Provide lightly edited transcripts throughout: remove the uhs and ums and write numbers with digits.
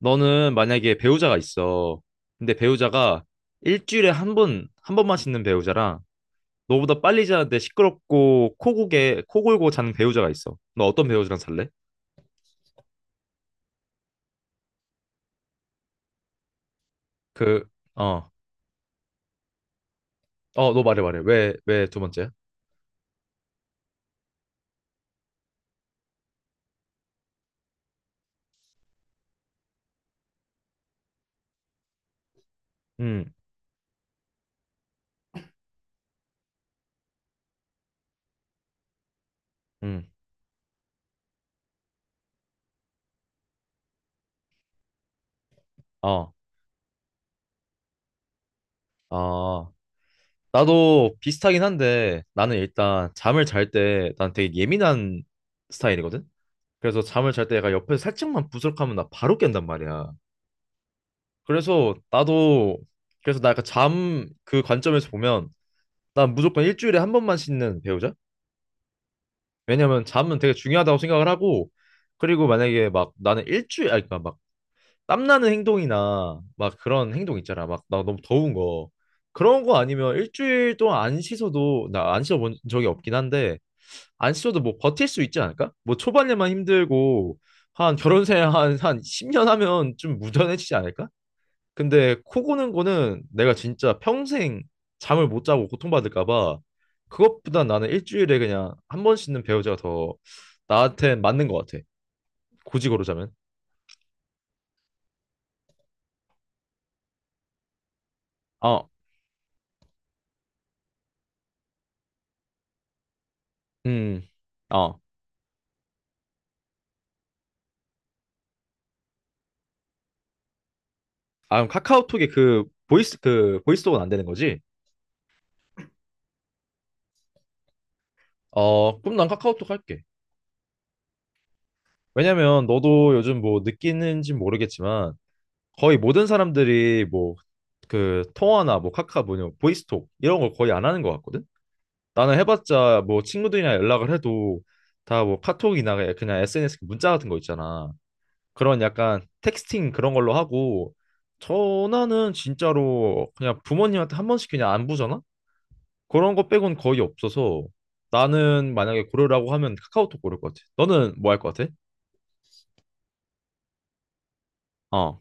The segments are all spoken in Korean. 너는 만약에 배우자가 있어. 근데 배우자가 일주일에 한 번만 씻는 배우자랑 너보다 빨리 자는데 시끄럽고 코 골고 자는 배우자가 있어. 너 어떤 배우자랑 살래? 그, 어, 어, 너 말해, 말해. 왜 두 번째야? 음, 음, 어, 아. 나도 비슷하긴 한데 나는 일단 잠을 잘 때 난 되게 예민한 스타일이거든? 그래서 잠을 잘 때 얘가 옆에서 살짝만 부스럭하면 나 바로 깬단 말이야. 그래서 나도 그래서 나 약간 잠 그 관점에서 보면 난 무조건 일주일에 한 번만 씻는 배우자. 왜냐면 잠은 되게 중요하다고 생각을 하고 그리고 만약에 막 나는 일주일 아니 그러니까 막 땀나는 행동이나 막 그런 행동 있잖아. 막 나 너무 더운 거 그런 거 아니면 일주일 동안 안 씻어도 나 안 씻어본 적이 없긴 한데 안 씻어도 뭐 버틸 수 있지 않을까? 뭐 초반에만 힘들고 한 결혼 생활 한한 10년 하면 좀 무던해지지 않을까? 근데 코 고는 거는 내가 진짜 평생 잠을 못 자고 고통받을까 봐 그것보다 나는 일주일에 그냥 한 번 씻는 배우자가 더 나한테 맞는 것 같아. 굳이 고르자면. 어, 음, 어. 아, 그럼 카카오톡에 그 보이스 그 보이스톡은 안 되는 거지? 어, 그럼 난 카카오톡 할게. 왜냐면 너도 요즘 뭐 느끼는지 모르겠지만 거의 모든 사람들이 뭐 그 통화나 뭐 카카 뭐냐 보이스톡 이런 걸 거의 안 하는 것 같거든. 나는 해봤자 뭐 친구들이랑 연락을 해도 다 뭐 카톡이나 그냥 SNS 문자 같은 거 있잖아. 그런 약간 텍스팅 그런 걸로 하고 전화는 진짜로 그냥 부모님한테 한 번씩 그냥 안부 전화? 그런 거 빼곤 거의 없어서 나는 만약에 고르라고 하면 카카오톡 고를 것 같아. 너는 뭐 할 것 같아? 어.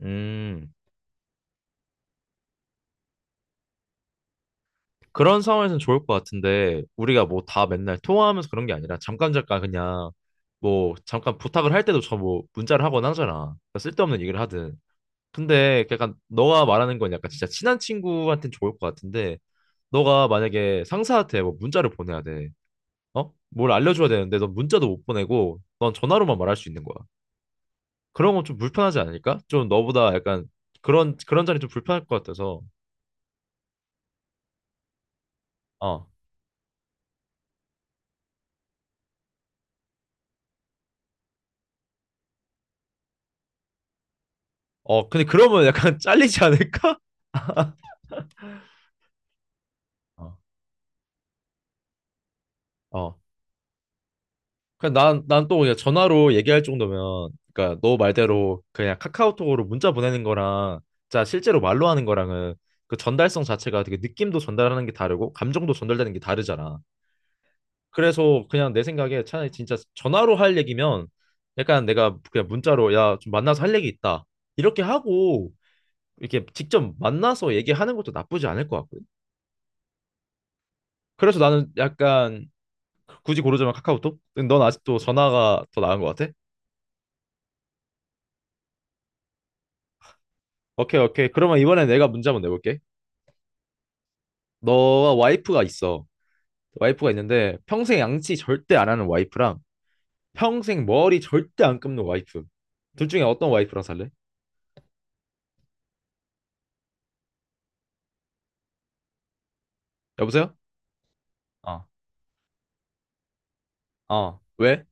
음. 그런 상황에서는 좋을 것 같은데 우리가 뭐 다 맨날 통화하면서 그런 게 아니라 잠깐 잠깐 그냥 뭐 잠깐 부탁을 할 때도 저 뭐 문자를 하거나 하잖아. 그러니까 쓸데없는 얘기를 하든. 근데 약간 너가 말하는 건 약간 진짜 친한 친구한테는 좋을 것 같은데 너가 만약에 상사한테 뭐 문자를 보내야 돼. 어? 뭘 알려줘야 되는데 넌 문자도 못 보내고 넌 전화로만 말할 수 있는 거야. 그런 건 좀 불편하지 않을까? 좀 너보다 약간 그런 자리 좀 불편할 것 같아서. 어. 어, 근데 그러면 약간 잘리지 않을까? 어. 어. 그냥 난 또 그냥 전화로 얘기할 정도면, 그러니까 너 말대로 그냥 카카오톡으로 문자 보내는 거랑, 자, 실제로 말로 하는 거랑은 그 전달성 자체가 되게 느낌도 전달하는 게 다르고, 감정도 전달되는 게 다르잖아. 그래서 그냥 내 생각에 차라리 진짜 전화로 할 얘기면 약간 내가 그냥 문자로, 야, 좀 만나서 할 얘기 있다. 이렇게 하고, 이렇게 직접 만나서 얘기하는 것도 나쁘지 않을 것 같거든. 그래서 나는 약간 굳이 고르자면 카카오톡? 넌 아직도 전화가 더 나은 것 같아? 오케이, 오케이. 그러면 이번에 내가 문제 한번 내볼게. 너와 와이프가 있어. 와이프가 있는데 평생 양치 절대 안 하는 와이프랑 평생 머리 절대 안 감는 와이프. 둘 중에 어떤 와이프랑 살래? 여보세요? 어, 어, 왜?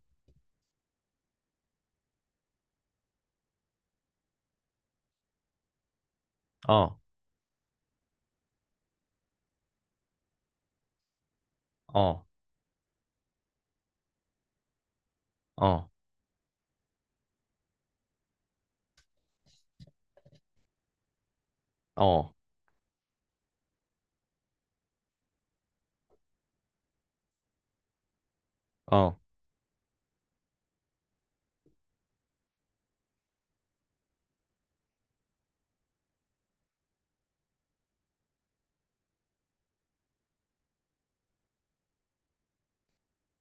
어, 어, 어, 어, 어.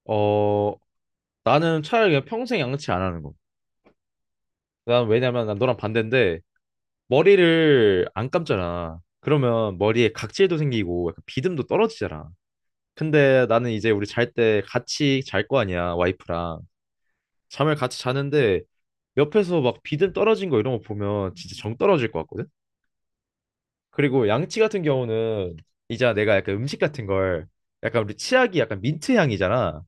어, 나는 차라리 그냥 평생 양치 안 하는 거. 난 왜냐면 난 너랑 반대인데 머리를 안 감잖아. 그러면 머리에 각질도 생기고 약간 비듬도 떨어지잖아. 근데 나는 이제 우리 잘 때 같이 잘 거 아니야, 와이프랑. 잠을 같이 자는데 옆에서 막 비듬 떨어진 거 이런 거 보면 진짜 정 떨어질 것 같거든? 그리고 양치 같은 경우는 이제 내가 약간 음식 같은 걸 약간 우리 치약이 약간 민트 향이잖아.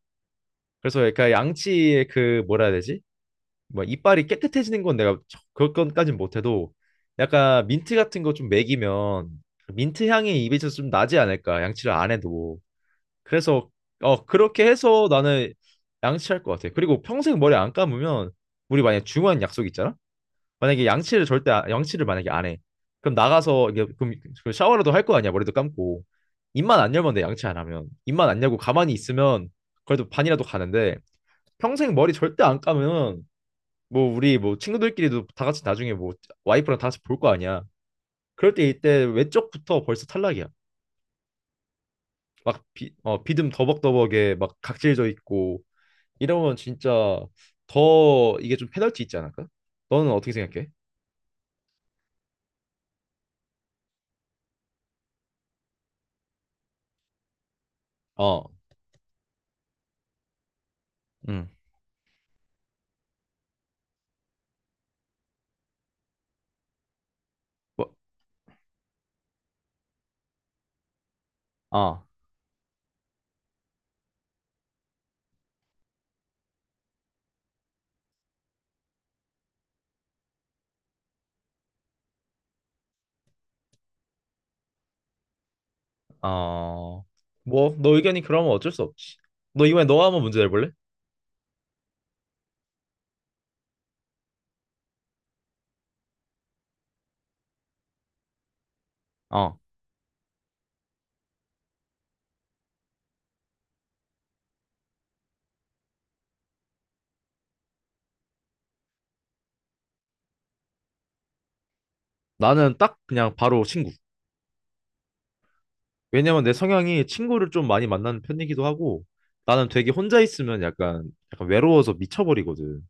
그래서 약간 양치의 그 뭐라 해야 되지? 뭐 이빨이 깨끗해지는 건 내가 그것까진 못해도 약간 민트 같은 거 좀 먹이면 그 민트 향이 입에서 좀 나지 않을까? 양치를 안 해도. 그래서 어 그렇게 해서 나는 양치할 것 같아. 그리고 평생 머리 안 감으면 우리 만약에 중요한 약속 있잖아. 만약에 양치를 만약에 안 해. 그럼 나가서 이게 그럼 그 샤워라도 할 거 아니야. 머리도 감고. 입만 안 열면 돼. 양치 안 하면. 입만 안 열고 가만히 있으면 그래도 반이라도 가는데 평생 머리 절대 안 감으면 뭐 우리 뭐 친구들끼리도 다 같이 나중에 뭐 와이프랑 다 같이 볼 거 아니야. 그럴 때 이때 외적부터 벌써 탈락이야. 막 비듬 더벅더벅에 막 각질져 있고 이러면 진짜 더 이게 좀 페널티 있지 않을까? 너는 어떻게 생각해? 어, 응. 뭐, 어, 어. 뭐, 너 의견이 그러면 어쩔 수 없지. 너 이번에 너 한번 문제 내볼래? 어, 나는 딱 그냥 바로 친구. 왜냐면 내 성향이 친구를 좀 많이 만나는 편이기도 하고 나는 되게 혼자 있으면 약간 외로워서 미쳐버리거든.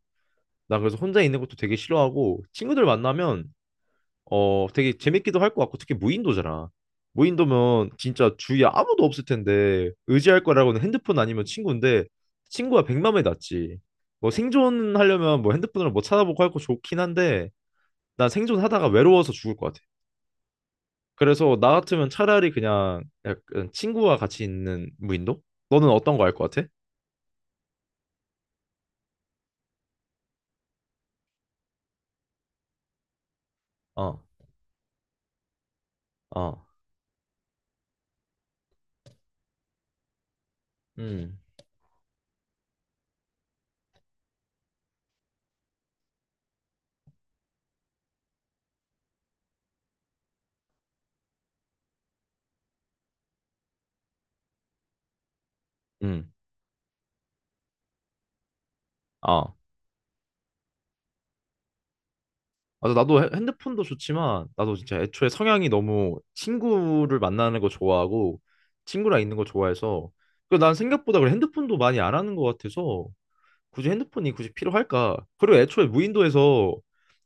나 그래서 혼자 있는 것도 되게 싫어하고 친구들 만나면 어, 되게 재밌기도 할 것 같고, 특히 무인도잖아. 무인도면 진짜 주위에 아무도 없을 텐데, 의지할 거라고는 핸드폰 아니면 친구인데, 친구가 백만에 낫지. 뭐 생존하려면 뭐 핸드폰으로 뭐 찾아보고 할 거 좋긴 한데, 난 생존하다가 외로워서 죽을 것 같아. 그래서 나 같으면 차라리 그냥 약간 친구와 같이 있는 무인도? 너는 어떤 거 할 것 같아? 어, 어, 음, 음, 어. 맞아, 나도 핸드폰도 좋지만, 나도 진짜 애초에 성향이 너무 친구를 만나는 거 좋아하고, 친구랑 있는 거 좋아해서, 그난 생각보다 그래 핸드폰도 많이 안 하는 것 같아서, 굳이 핸드폰이 굳이 필요할까? 그리고 애초에 무인도에서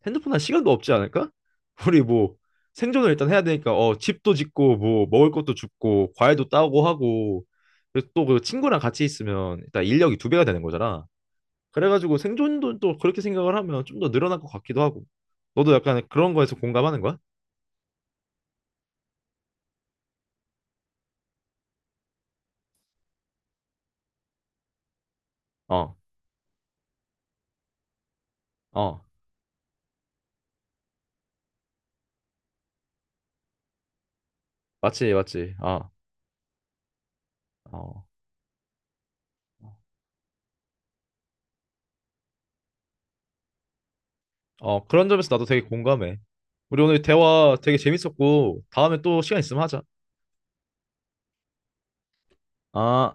핸드폰 할 시간도 없지 않을까? 우리 뭐, 생존을 일단 해야 되니까, 어, 집도 짓고, 뭐, 먹을 것도 줍고, 과일도 따고 하고, 또 그 친구랑 같이 있으면 일단 인력이 두 배가 되는 거잖아. 그래가지고 생존도 또 그렇게 생각을 하면 좀 더 늘어날 것 같기도 하고. 너도 약간 그런 거에서 공감하는 거야? 어, 어, 맞지, 맞지. 어, 어, 어, 어, 그런 점에서 나도 되게 공감해. 우리 오늘 대화 되게 재밌었고, 다음에 또 시간 있으면 하자. 아,